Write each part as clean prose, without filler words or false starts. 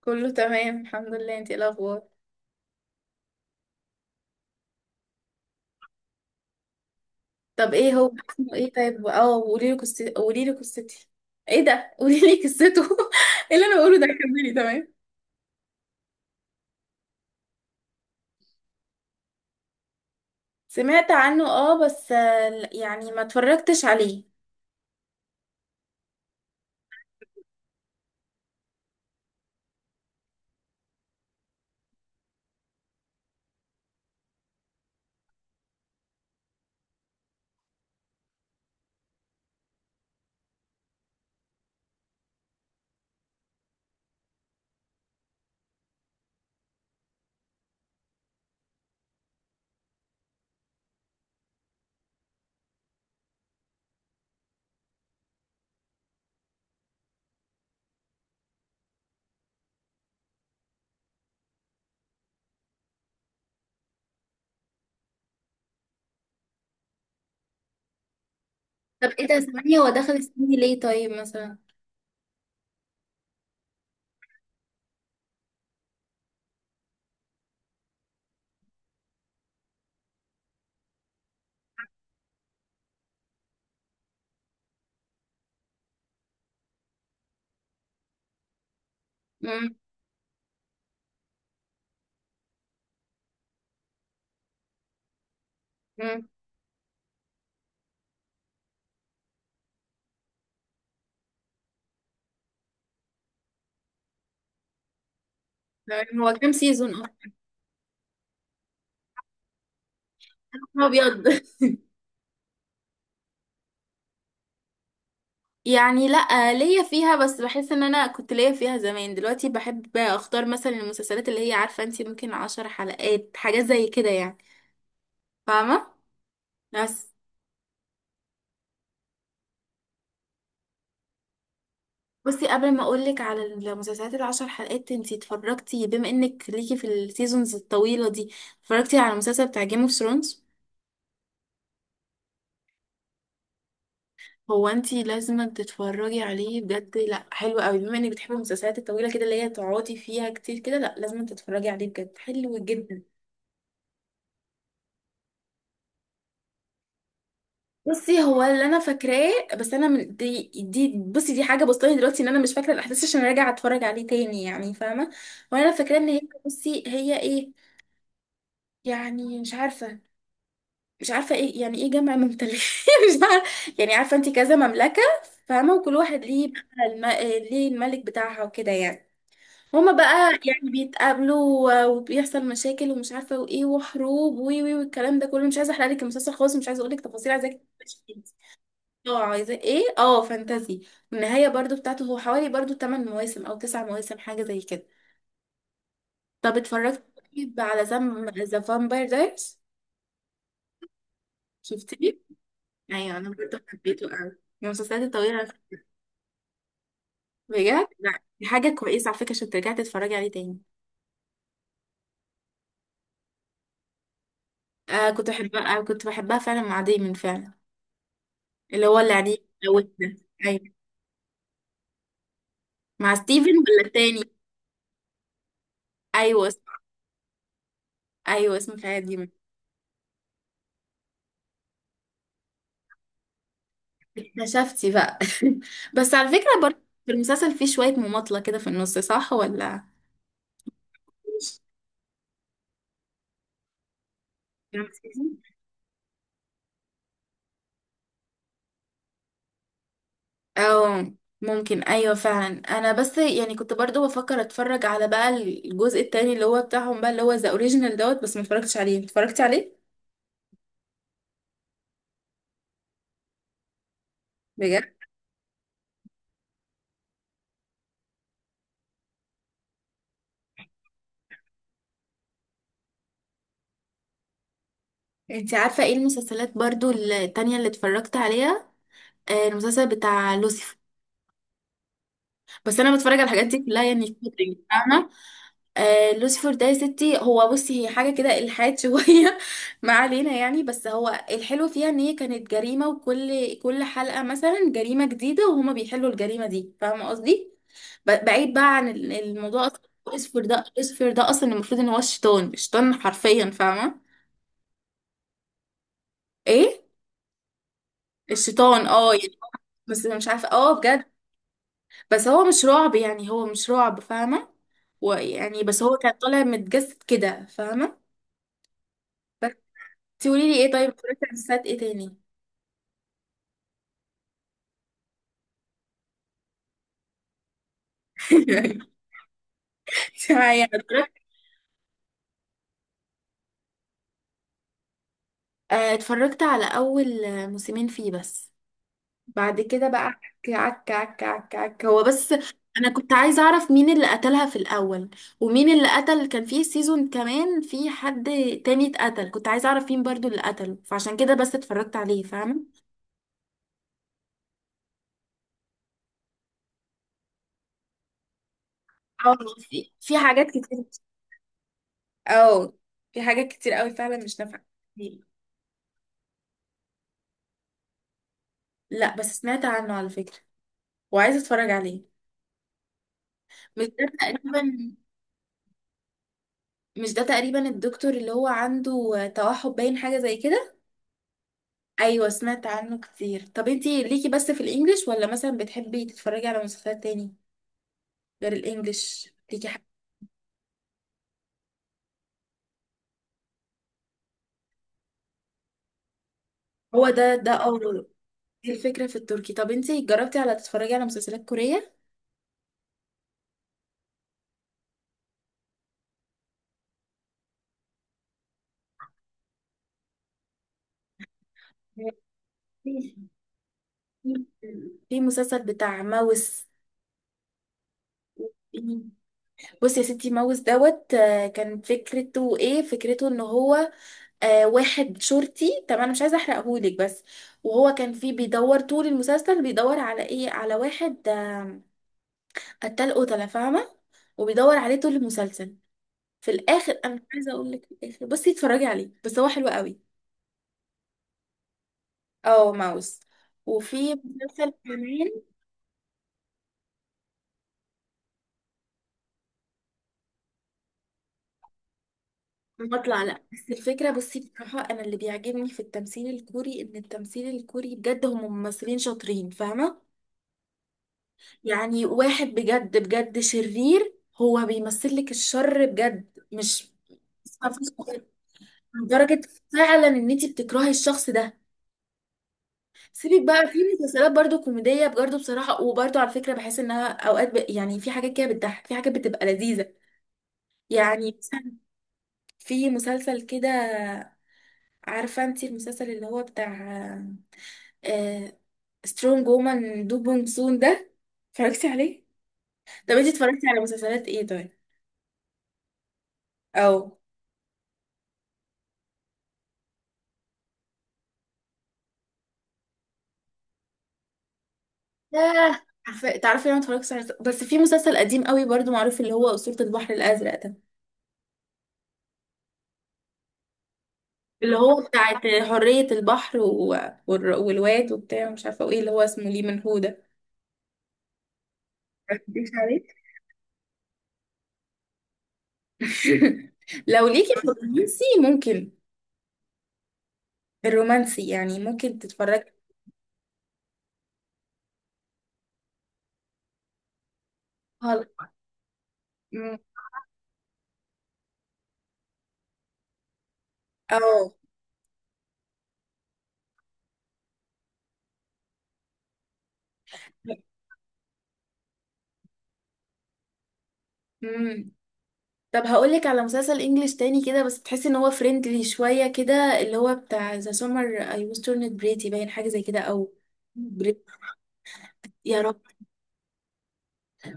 كله تمام الحمد لله. انتي ايه الاخبار؟ طب ايه هو اسمه؟ ايه طيب قولي لي قصتي، قولي لي قصتي ايه ده؟ قولي لي قصته. ايه اللي انا بقوله ده؟ كملي، تمام. سمعت عنه، اه، بس لا، يعني ما اتفرجتش عليه. طب ايه ده 8؟ هو دخل السن ليه طيب مثلا؟ امم. امم. تمام. هو كام سيزون اصلا؟ يا ابيض! يعني لا، ليا فيها بس بحس ان انا كنت ليا فيها زمان. دلوقتي بحب اختار مثلا المسلسلات اللي هي عارفه انتي ممكن عشر حلقات، حاجات زي كده يعني. فاهمه؟ بس. بصي، قبل ما اقولك على المسلسلات العشر حلقات، انتي اتفرجتي، بما انك ليكي في السيزونز الطويلة دي، اتفرجتي على المسلسل بتاع جيم اوف ثرونز؟ هو انتي لازم تتفرجي عليه بجد، لا حلو قوي. بما انك بتحبي المسلسلات الطويلة كده اللي هي تقعدي فيها كتير كده، لا لازم تتفرجي عليه بجد، حلو جدا. بصي، هو اللي انا فاكراه، بس انا من دي بصي، دي حاجه بسطاني دلوقتي ان انا مش فاكره الاحداث، عشان راجعه اتفرج عليه تاني، يعني فاهمه. وانا فاكراه ان هي، بصي هي ايه؟ يعني مش عارفه ايه يعني، ايه جمع ممتلكات؟ مش عارفه. يعني عارفه انت كذا مملكه، فاهمه، وكل واحد ليه بقى ليه الملك بتاعها وكده يعني. هما بقى يعني بيتقابلوا، وبيحصل مشاكل ومش عارفه وايه، وحروب، وي وي والكلام ده كله. مش عايزه احرق لك المسلسل خالص، مش عايزه اقول لك تفاصيل. عايزاك. اه، عايزه ايه؟ اه فانتازي. والنهايه برضو بتاعته هو حوالي برضو 8 مواسم او 9 مواسم، حاجه زي كده. طب اتفرجت طيب على زم ذا فامباير دايرز؟ شفتيه؟ ايوه انا برضه حبيته قوي، من المسلسلات الطويله على فكرة. بجد لا، دي حاجه كويسه على فكره، عشان ترجعي تتفرجي عليه تاني. آه كنت بحبها، فعلا مع دايمون، فعلا. اللي هو اللي عليه قوي ده. ايوه. مع ستيفن ولا التاني؟ ايوه اسمه، في حياتي دايمون. اكتشفتي بقى. بس على فكره برضه في المسلسل فيه شويه مماطله كده في النص، صح ولا؟ مش او، ممكن ايوه فعلا. انا بس يعني كنت برضو بفكر اتفرج على بقى الجزء التاني اللي هو بتاعهم بقى، اللي هو ذا اوريجينال دوت، بس ما اتفرجتش عليه اتفرجت عليه. بجد؟ انت عارفه ايه المسلسلات برضو التانية اللي اتفرجت عليها؟ المسلسل بتاع لوسيفر. بس انا بتفرج على الحاجات دي كلها يعني كتير، فاهمه. لوسيفر ده يا ستي هو، بصي هي حاجه كده الحاد شويه. ما علينا يعني، بس هو الحلو فيها ان هي كانت جريمه، وكل حلقه مثلا جريمه جديده، وهما بيحلوا الجريمه دي، فاهمه قصدي. بعيد بقى عن الموضوع أصلاً. لوسيفر ده اصلا المفروض ان هو الشيطان، الشيطان حرفيا، فاهمه. ايه؟ الشيطان، اه يعني. بس مش عارفه، بجد. بس هو مش رعب، يعني هو مش رعب، فاهمة. ويعني بس هو كان طالع متجسد كده، فاهمة. بس تقولي لي ايه؟ طيب اتفرجت على مسلسلات ايه تاني؟ معايا اتفرجت. اتفرجت على اول موسمين فيه بس. بعد كده بقى عك عك عك عك عك هو بس. انا كنت عايزة اعرف مين اللي قتلها في الاول، ومين اللي قتل. كان فيه سيزون كمان في حد تاني اتقتل، كنت عايزة اعرف مين برضو اللي قتله، فعشان كده بس اتفرجت عليه، فاهمة. اه، في حاجات كتير. اه، في حاجات كتير قوي فعلا مش نافعة. لا بس سمعت عنه على فكرة، وعايزة اتفرج عليه. مش ده تقريبا، الدكتور اللي هو عنده توحد باين، حاجة زي كده؟ ايوه سمعت عنه كتير. طب انتي ليكي بس في الانجليش، ولا مثلا بتحبي تتفرجي على مسلسلات تاني غير الانجليش؟ ليكي حاجة؟ هو ده اه. دي الفكرة في التركي. طب انتي جربتي على تتفرجي على مسلسلات كورية؟ في مسلسل بتاع ماوس. بصي يا ستي، ماوس دوت، كان فكرته ايه؟ فكرته ان هو واحد شرطي، طبعا انا مش عايزه احرقهولك، بس وهو كان فيه بيدور طول المسلسل، بيدور على ايه؟ على واحد قتال قتله، فاهمه، وبيدور عليه طول المسلسل. في الاخر انا مش عايزه اقول لك، في الاخر بصي اتفرجي عليه، بس هو حلو قوي. اه، ماوس. وفي مسلسل كمان. بطلع، لا، بس الفكره بصي بصراحه، انا اللي بيعجبني في التمثيل الكوري ان التمثيل الكوري بجد هم ممثلين شاطرين، فاهمه. يعني واحد بجد بجد شرير، هو بيمثل لك الشر بجد. مش، مفيش غير- لدرجة فعلا ان انت بتكرهي الشخص ده. سيبك بقى، في مسلسلات برضو كوميدية برضو بصراحة، وبرضو على فكرة بحس انها اوقات يعني في حاجات كده بتضحك، في حاجات بتبقى لذيذة. يعني مثلا في مسلسل كده، عارفة انت المسلسل اللي هو بتاع آه... سترونج وومن دو بونج سون ده؟ اتفرجتي عليه؟ طب انت اتفرجتي على مسلسلات ايه طيب؟ او ياه. عارفه، تعرفي انا ما اتفرجتش على، بس في مسلسل قديم قوي برضو معروف اللي هو أسطورة البحر الأزرق ده، اللي هو بتاعت حرية البحر والواد وبتاع مش عارفه وايه، اللي هو اسمه ليه من هو ده. مش عليك. لو ليكي في الرومانسي ممكن. الرومانسي يعني ممكن تتفرجي. خالص. مم. اه. امم. طب هقولك على مسلسل انجليش تاني كده، بس تحسي ان هو فريندلي شويه كده. اللي هو بتاع ذا سمر اي واز تورنت بريتي، باين حاجه زي كده او بريت. يا،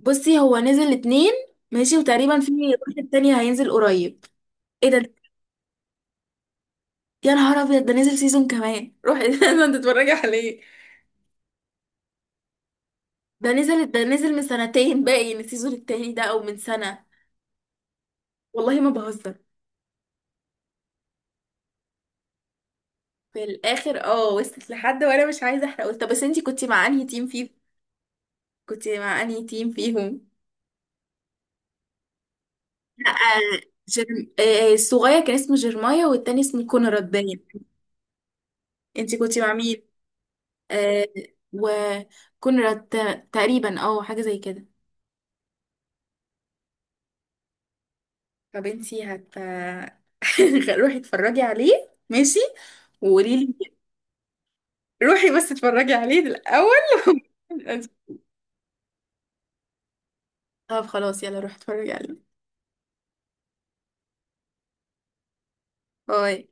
بصي هو نزل اتنين ماشي، وتقريبا في واحد تاني هينزل قريب. ايه ده؟ يا نهار ابيض، ده نزل سيزون كمان، روحي. لازم تتفرجي عليه. ده نزل من سنتين باين، السيزون التاني ده، او من سنة. والله ما بهزر. في الاخر اه وصلت لحد، وانا مش عايزه احرق. طب بس انتي كنتي مع انهي تيم فيه كنتي مع انهي تيم فيهم؟ لا جرم... آه، الصغير كان اسمه جيرمايا، والتاني اسمه كونراد باين. انتي كنتي مع مين؟ آه، وكونراد تقريبا، اه حاجه زي كده. طب انتي روحي اتفرجي عليه ماشي، وقولي لي. روحي بس اتفرجي عليه الاول. طب خلاص يلا روحي اتفرجي عليه. باي.